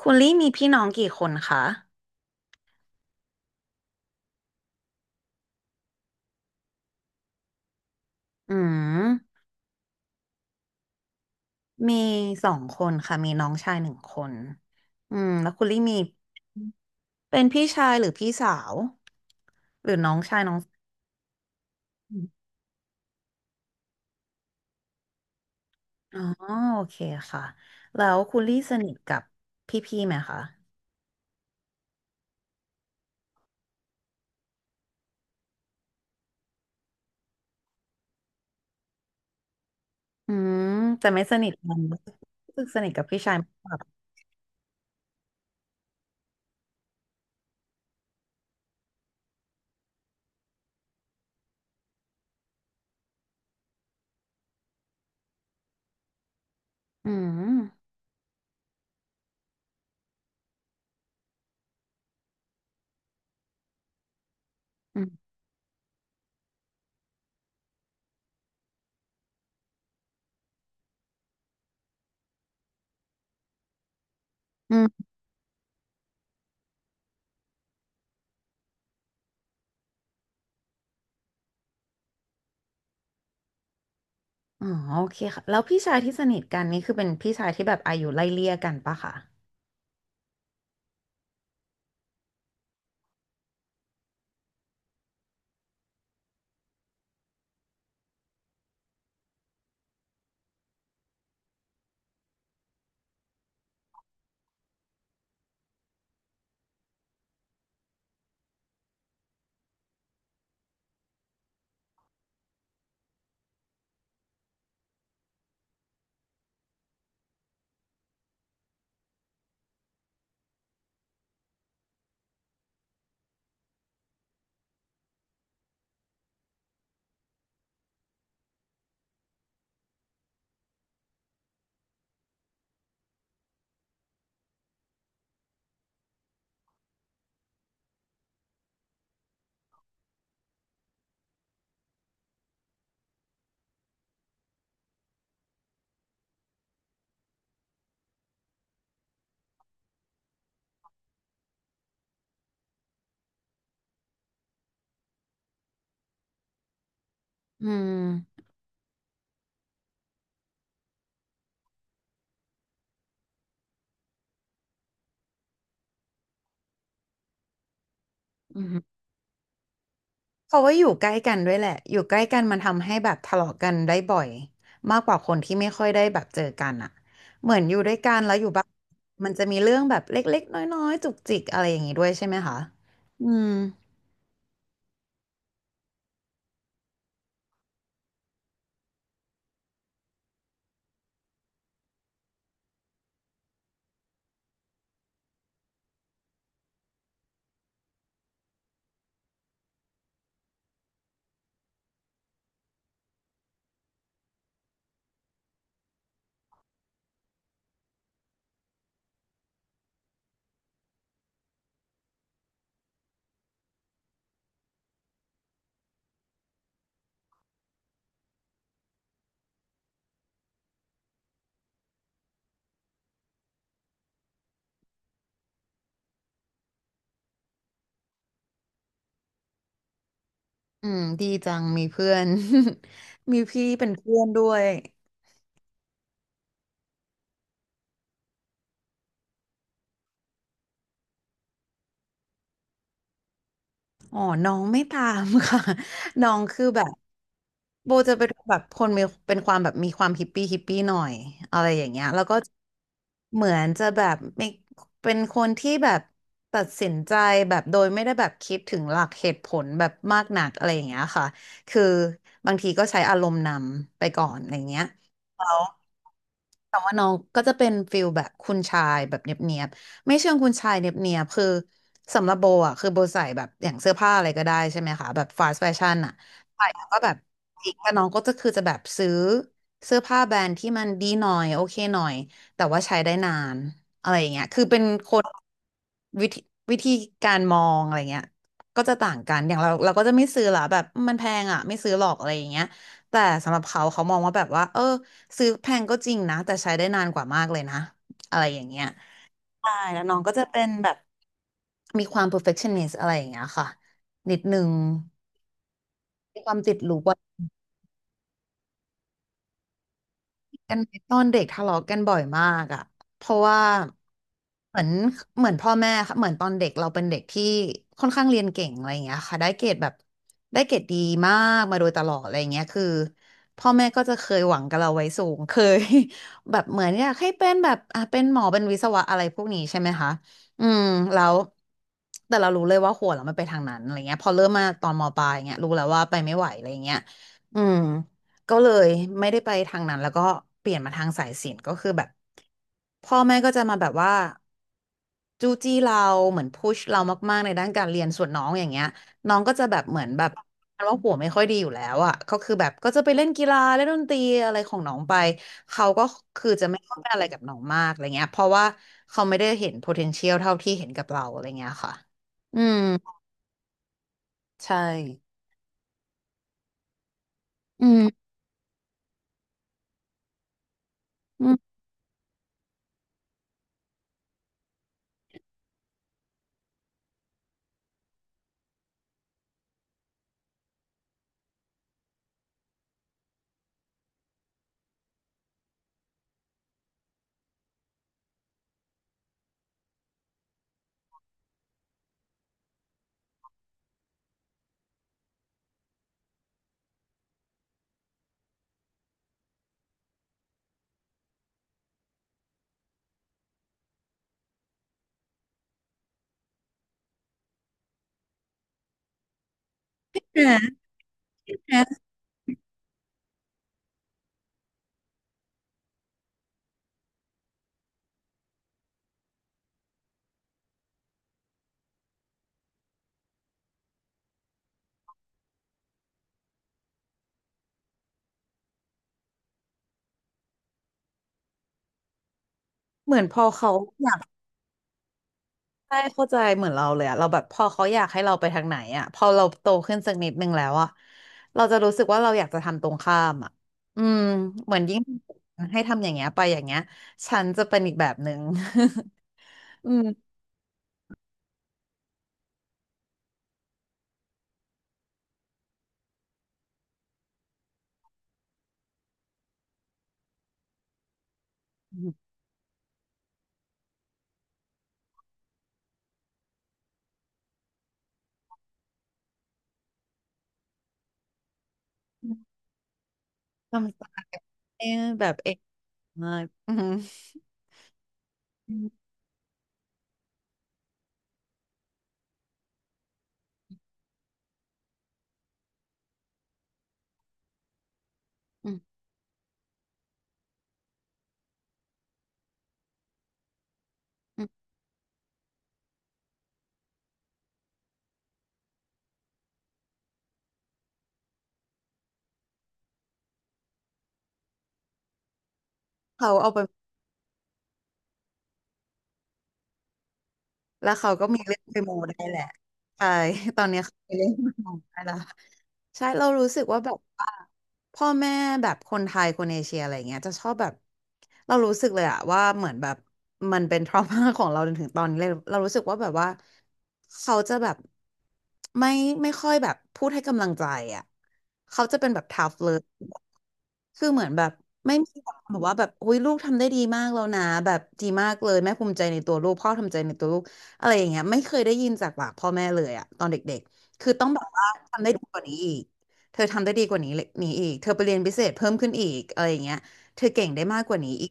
คุณลี่มีพี่น้องกี่คนคะอืมมีสองคนค่ะมีน้องชายหนึ่งคนอืมแล้วคุณลี่มีเป็นพี่ชายหรือพี่สาวหรือน้องชายน้องอมอ๋อโอเคค่ะแล้วคุณลี่สนิทกับพี่ๆไหมคะอืมแต่ไม่สนิทกันรู้สึกสนิทกับพี่ชายมากกว่าอืมอืมอืมอ๋อโอเคค่ะแล้วพี่ชายที่สนิทกันนี่คือเป็นพี่ชายที่แบบอายุไล่เลี่ยกันปะคะอืมอืม เพราะว่าอยู่ใกล้กันด้วยแหละอยู่ใกล้กันมันทำให้แบบทะเลาะกันได้บ่อยมากกว่าคนที่ไม่ค่อยได้แบบเจอกันอะเหมือนอยู่ด้วยกันแล้วอยู่บ้านมันจะมีเรื่องแบบเล็กๆน้อยๆจุกจิกอะไรอย่างนี้ด้วยใช่ไหมคะอืม อืมดีจังมีเพื่อน มีพี่เป็นเพื่อนด้วย อ๋อน้องไม่ตามค่ะ น้องคือแบบโบจะเป็นแบบคนมีเป็นความแบบมีความฮิปปี้ฮิปปี้หน่อยอะไรอย่างเงี้ยแล้วก็เหมือนจะแบบไม่เป็นคนที่แบบตัดสินใจแบบโดยไม่ได้แบบคิดถึงหลักเหตุผลแบบมากหนักอะไรอย่างเงี้ยค่ะ คือบางทีก็ใช้อารมณ์นำไปก่อนอะไรอย่างเงี้ย แต่ว่าน้องก็จะเป็นฟิลแบบคุณชายแบบเนียบๆไม่เชิงคุณชายเนียบๆคือสำหรับโบอ่ะคือโบใส่แบบอย่างเสื้อผ้าอะไรก็ได้ใช่ไหมคะแบบฟาสต์แฟชั่นอ่ะใส่แล้วก็แบบอีกแต่น้องก็จะคือจะแบบซื้อเสื้อผ้าแบรนด์ที่มันดีหน่อยโอเคหน่อยแต่ว่าใช้ได้นานอะไรอย่างเงี้ยคือเป็นคนวิธีวิธีการมองอะไรเงี้ยก็จะต่างกันอย่างเราก็จะไม่ซื้อละแบบมันแพงอ่ะไม่ซื้อหรอกอะไรอย่างเงี้ยแต่สำหรับเขาเขามองว่าแบบว่าเออ ซื้อแพงก็จริงนะแต่ใช้ได้นานกว่ามากเลยนะอะไรอย่างเงี้ยใช่แล้วน้องก็จะเป็นแบบมีความ perfectionist อะไรอย่างเงี้ยค่ะนิดนึงมีความติดลูก กันไหมตอนเด็กทะเลาะกันบ่อยมากอ่ะเพราะว่าเหมือนเหมือนพ่อแม่ค่ะเหมือนตอนเด็กเราเป็นเด็กที่ค่อนข้างเรียนเก่งอะไรอย่างเงี้ยค่ะได้เกรดแบบได้เกรดดีมากมาโดยตลอดอะไรอย่างเงี้ยคือพ่อแม่ก็จะเคยหวังกับเราไว้สูงเคย แบบเหมือนอยากให้เป็นแบบอ่ะเป็นหมอเป็นวิศวะอะไรพวกนี้ใช่ไหมคะอืมแล้วแต่เรารู้เลยว่าหัวเราไม่ไปทางนั้นอะไรเงี้ยพอเริ่มมาตอนมปลายเงี้ยรู้แล้วว่าไปไม่ไหวอะไรเงี้ยอืม ก็เลยไม่ได้ไปทางนั้นแล้วก็เปลี่ยนมาทางสายศิลป์ก็คือแบบพ่อแม่ก็จะมาแบบว่าจู้จี้เราเหมือนพุชเรามากๆในด้านการเรียนส่วนน้องอย่างเงี้ยน้องก็จะแบบเหมือนแบบว่าหัวไม่ค่อยดีอยู่แล้วอ่ะก็คือแบบก็จะไปเล่นกีฬาเล่นดนตรีอะไรของน้องไปเขาก็คือจะไม่ค่อยอะไรกับน้องมากอะไรเงี้ยเพราะว่าเขาไม่ได้เห็น potential เท่าที่เห็นกับเราอะไรเงี้ยค่ะอืมใช่อืมอืมอ่าอ่าเหมือนพอเขา ใช่เข้าใจเหมือนเราเลยอะเราแบบพอเขาอยากให้เราไปทางไหนอะพอเราโตขึ้นสักนิดนึงแล้วอะเราจะรู้สึกว่าเราอยากจะทำตรงข้ามอะอืมเหมือนยิ่งให้ทำอย่างเงี้ยไปอย่างเงี้ยฉันจะเป็นอีกแบบหนึ่ง อืมทำใจแบบเองอืมอืมอืมอืมเขาเอาไป แล้วเขาก็มีเล่นไปโมได้แหละใช่ ตอนเนี้ยเขามีเล่นไปโมได้ละใช่เรารู้สึกว่าแบบว่าพ่อแม่แบบคนไทยคนเอเชียอะไรเงี้ยจะชอบแบบเรารู้สึกเลยอะว่าเหมือนแบบมันเป็น ทรมาของเราจนถึงตอนนี้เลยเรารู้สึกว่าแบบว่าเขาจะแบบไม่ไม่ค่อยแบบพูดให้กำลังใจอะเขาจะเป็นแบบทัฟเลยคือเหมือนแบบไม่มีความแบบว่าแบบอุ้ยลูกทำได้ดีมากแล้วนะแบบดีมากเลยแม่ภูมิใจในตัวลูกพ่อทำใจในตัวลูก อะไรอย่างเงี้ยไม่เคยได้ยินจากปากพ่อแม่เลยอะตอนเด็กๆคือต้องแบบว่าทำได้ดีกว่านี้อีกเธอทำได้ดีกว่านี้เลยนี้อีกเธอไปเรียนพิเศษเพิ่มขึ้นอีกอะไรอย่างเงี้ยเธอเก่งได้มากกว่านี้อีก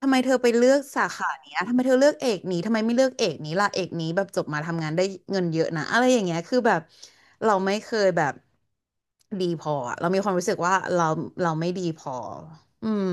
ทำไมเธอไปเลือกสาขาเนี้ยทำไมเธอเลือกเอกนี้ทำไมไม่เลือกเอกนี้ล่ะเอกนี้แบบจบมาทำงานได้เงินเยอะนะอะไรอย่างเงี้ยคือแบบเราไม่เคยแบบดีพออะเรามีความรู้สึกว่าเราไม่ดีพออืม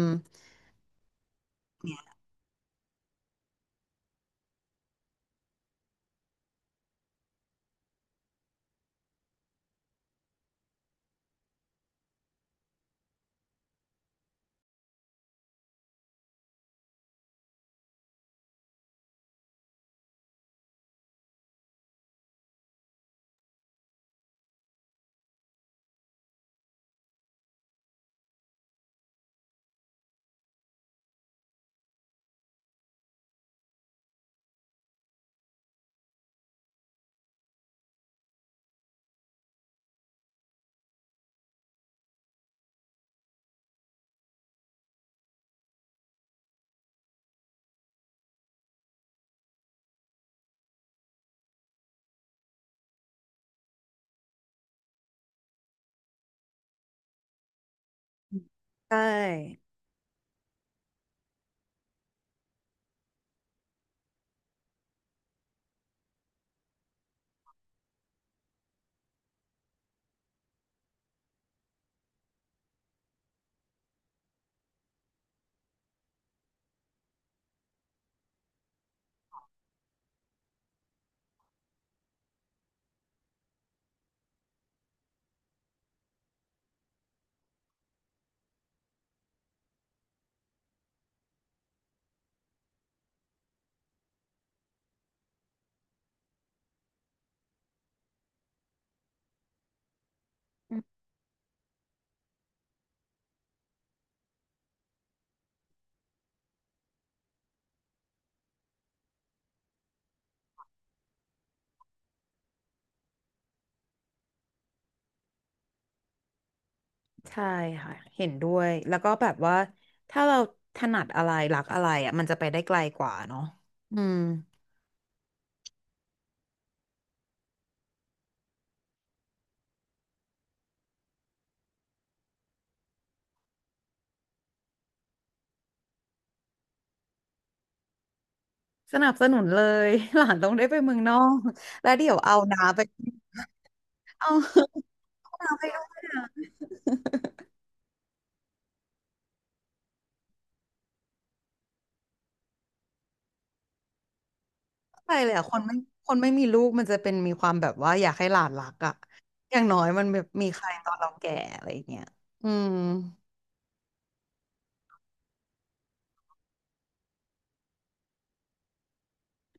ใช่ ใช่ค่ะเห็นด้วยแล้วก็แบบว่าถ้าเราถนัดอะไรรักอะไรอ่ะมันจะไปได้ไกลกว่าเนาะอืมสนับสนุนเลย หลานต้องได้ไปเมืองนอกแล้วเดี๋ยวเอาน้าไปเอา น้าไปด้วยนะไปเลยอ่ะคนไม่มีลูกมันจะเป็นมีความแบบว่าอยากให้หลานรักอ่ะอย่างน้อยมันแบบมีใครตอนเราแก่อะไรอย่างเงี้ยอืม